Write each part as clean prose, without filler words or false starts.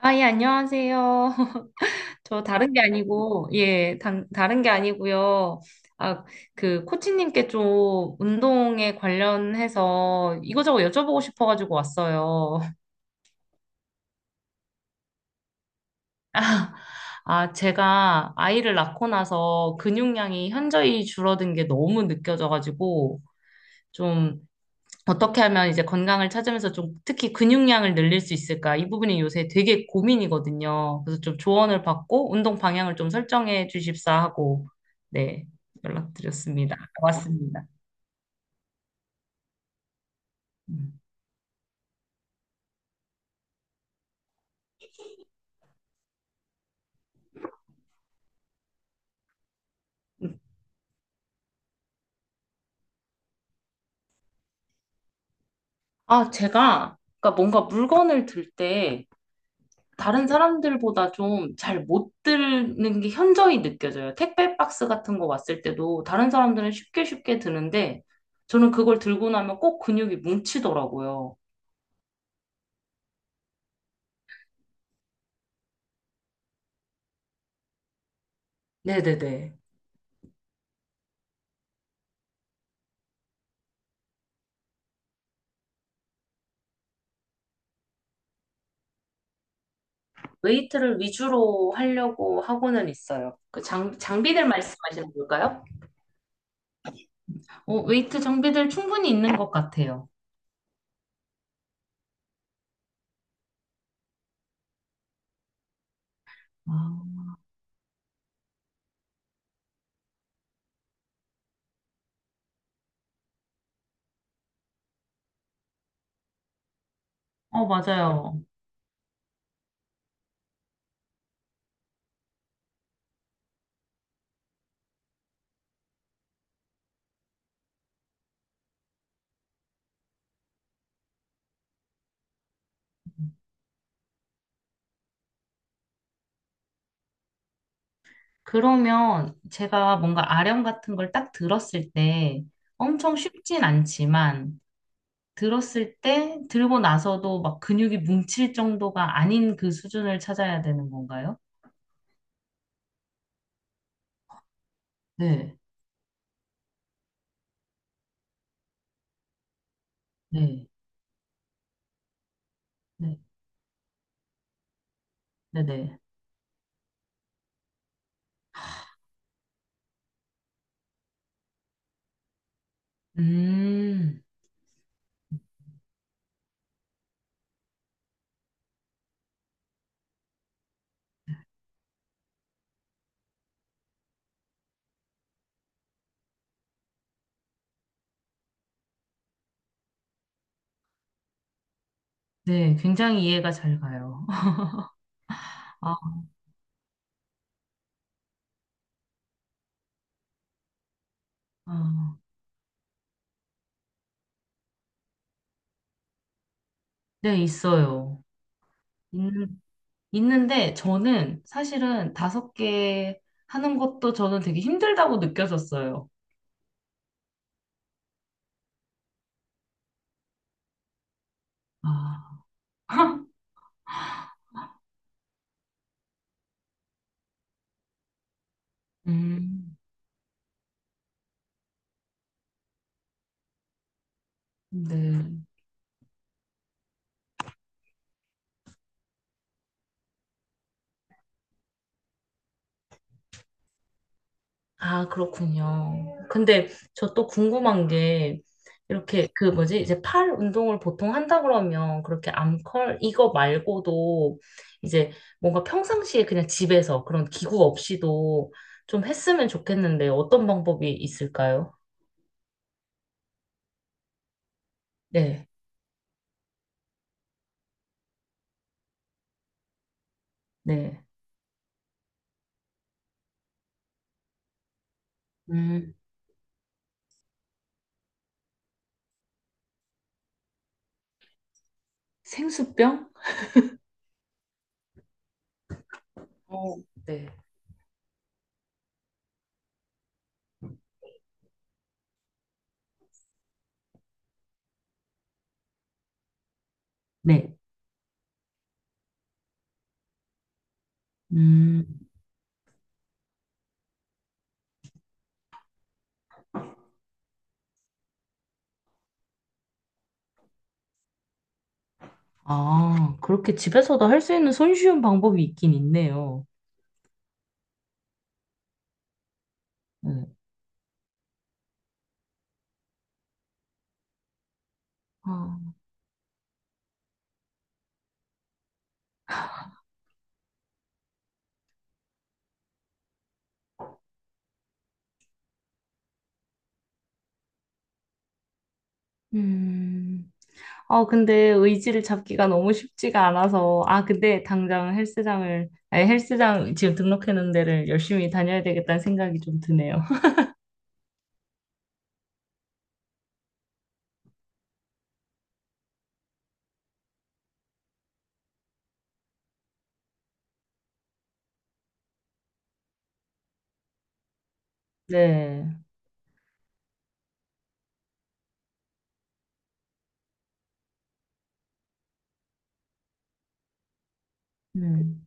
아, 예, 안녕하세요. 저 다른 게 아니고, 예, 다른 게 아니고요. 아, 그, 코치님께 좀 운동에 관련해서 이거저거 여쭤보고 싶어가지고 왔어요. 아, 제가 아이를 낳고 나서 근육량이 현저히 줄어든 게 너무 느껴져가지고, 좀 어떻게 하면 이제 건강을 찾으면서 좀 특히 근육량을 늘릴 수 있을까? 이 부분이 요새 되게 고민이거든요. 그래서 좀 조언을 받고 운동 방향을 좀 설정해 주십사 하고 네, 연락드렸습니다. 왔습니다. 음. 아, 제가 그러니까 뭔가 물건을 들 때 다른 사람들보다 좀 잘 못 드는 게 현저히 느껴져요. 택배 박스 같은 거 왔을 때도 다른 사람들은 쉽게 쉽게 드는데 저는 그걸 들고 나면 꼭 근육이 뭉치더라고요. 네네네. 웨이트를 위주로 하려고 하고는 있어요. 장비들 말씀하시는 걸까요? 어, 웨이트 장비들 충분히 있는 것 같아요. 아, 어, 맞아요. 그러면 제가 뭔가 아령 같은 걸 딱 들었을 때 엄청 쉽진 않지만 들었을 때 들고 나서도 막 근육이 뭉칠 정도가 아닌 그 수준을 찾아야 되는 건가요? 네, 네, 네, 네, 네. 음, 네, 굉장히 이해가 잘 가요. 아, 아. 네, 있어요. 있는, 있는데 저는 사실은 5개 하는 것도 저는 되게 힘들다고 느껴졌어요. 아, 음, 네. 아, 그렇군요. 근데 저 또 궁금한 게 이렇게 그 뭐지? 이제 팔 운동을 보통 한다 그러면 그렇게 암컬 이거 말고도 이제 뭔가 평상시에 그냥 집에서 그런 기구 없이도 좀 했으면 좋겠는데 어떤 방법이 있을까요? 네, 네. 생수병? 어, 네. 네. 음, 아, 그렇게 집에서도 할 수 있는 손쉬운 방법이 있긴 있네요. 네. 아, 음. 아, 근데 의지를 잡기가 너무 쉽지가 않아서. 아, 근데 당장 헬스장을, 아니, 헬스장 지금 등록해놓은 데를 열심히 다녀야 되겠다는 생각이 좀 드네요. 네. 음,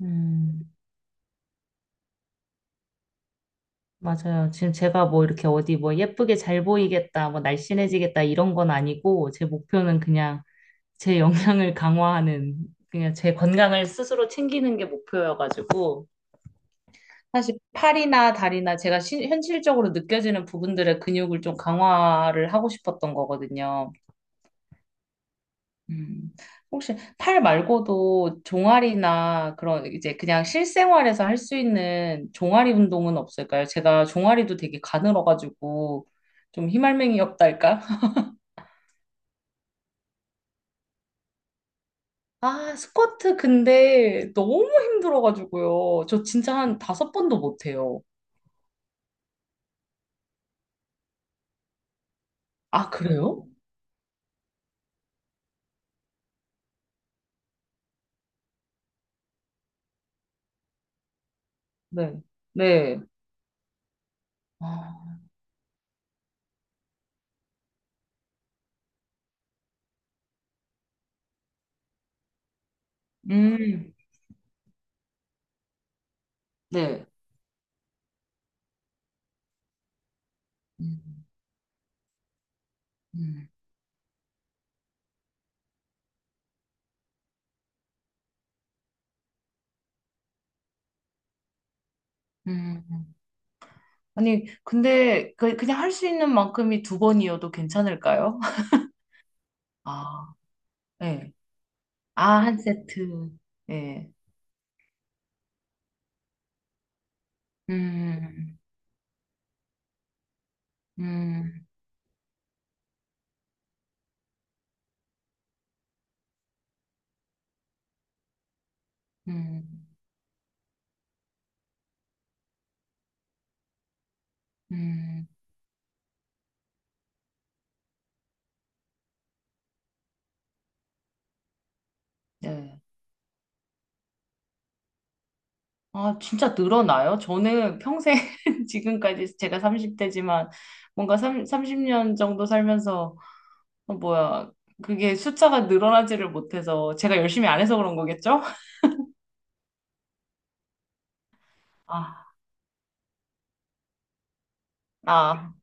음, 맞아요. 지금 제가 뭐 이렇게 어디 뭐 예쁘게 잘 보이겠다, 뭐 날씬해지겠다 이런 건 아니고, 제 목표는 그냥 제 영양을 강화하는, 그냥 제 건강을 스스로 챙기는 게 목표여가지고, 사실 팔이나 다리나 제가 현실적으로 느껴지는 부분들의 근육을 좀 강화를 하고 싶었던 거거든요. 음, 혹시 팔 말고도 종아리나 그런 이제 그냥 실생활에서 할 수 있는 종아리 운동은 없을까요? 제가 종아리도 되게 가늘어가지고 좀 희말맹이 없달까? 아, 스쿼트 근데 너무 힘들어가지고요. 저 진짜 한 다섯 번도 못해요. 아, 그래요? 네. 네. 아, 음, 네. 음, 음, 음. 아니, 근데 그냥 할 수 있는 만큼이 두 번이어도 괜찮을까요? 아, 네 아, 한 세트. 네 음, 음, 음, 음, 음. 네. 아, 진짜 늘어나요? 저는 평생 지금까지 제가 30대지만 뭔가 3, 삼0년 정도 살면서 어, 뭐야 그게 숫자가 늘어나지를 못해서 제가 열심히 안 해서 그런 거겠죠? 아, 아,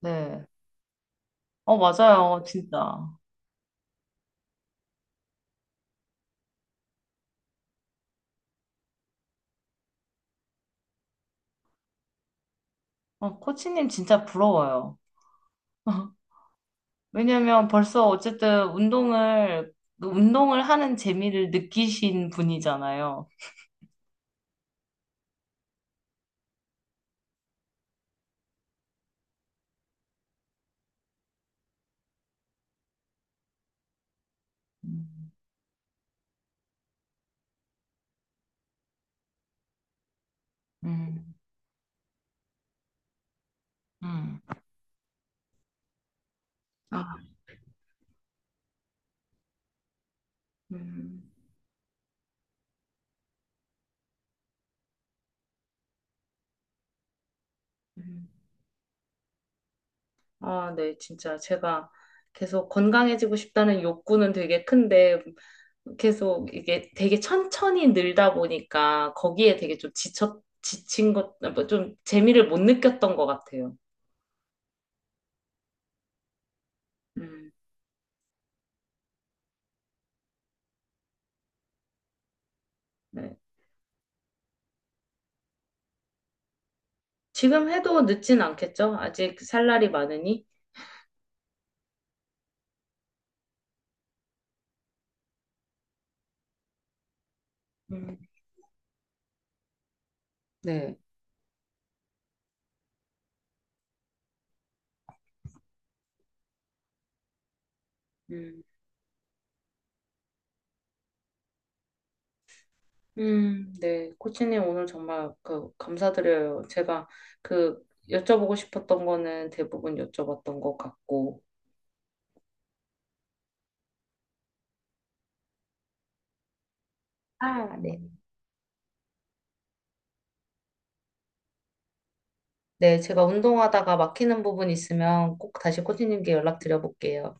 네. 어, 맞아요. 진짜. 어, 코치님 진짜 부러워요. 왜냐면 벌써 어쨌든 운동을 그 운동을 하는 재미를 느끼신 분이잖아요. 음, 음, 음. 아, 음. 음. 아, 네, 진짜 제가 계속 건강해지고 싶다는 욕구는 되게 큰데 계속 이게 되게 천천히 늘다 보니까 거기에 되게 지친 것, 뭐좀 재미를 못 느꼈던 것 같아요. 음, 네. 지금 해도 늦진 않겠죠? 아직 살 날이 많으니. 음, 네. 음, 네. 코치님 오늘 정말 그 감사드려요. 제가 그 여쭤보고 싶었던 거는 대부분 여쭤봤던 것 같고. 아, 네. 네, 제가 운동하다가 막히는 부분 있으면 꼭 다시 코치님께 연락드려볼게요.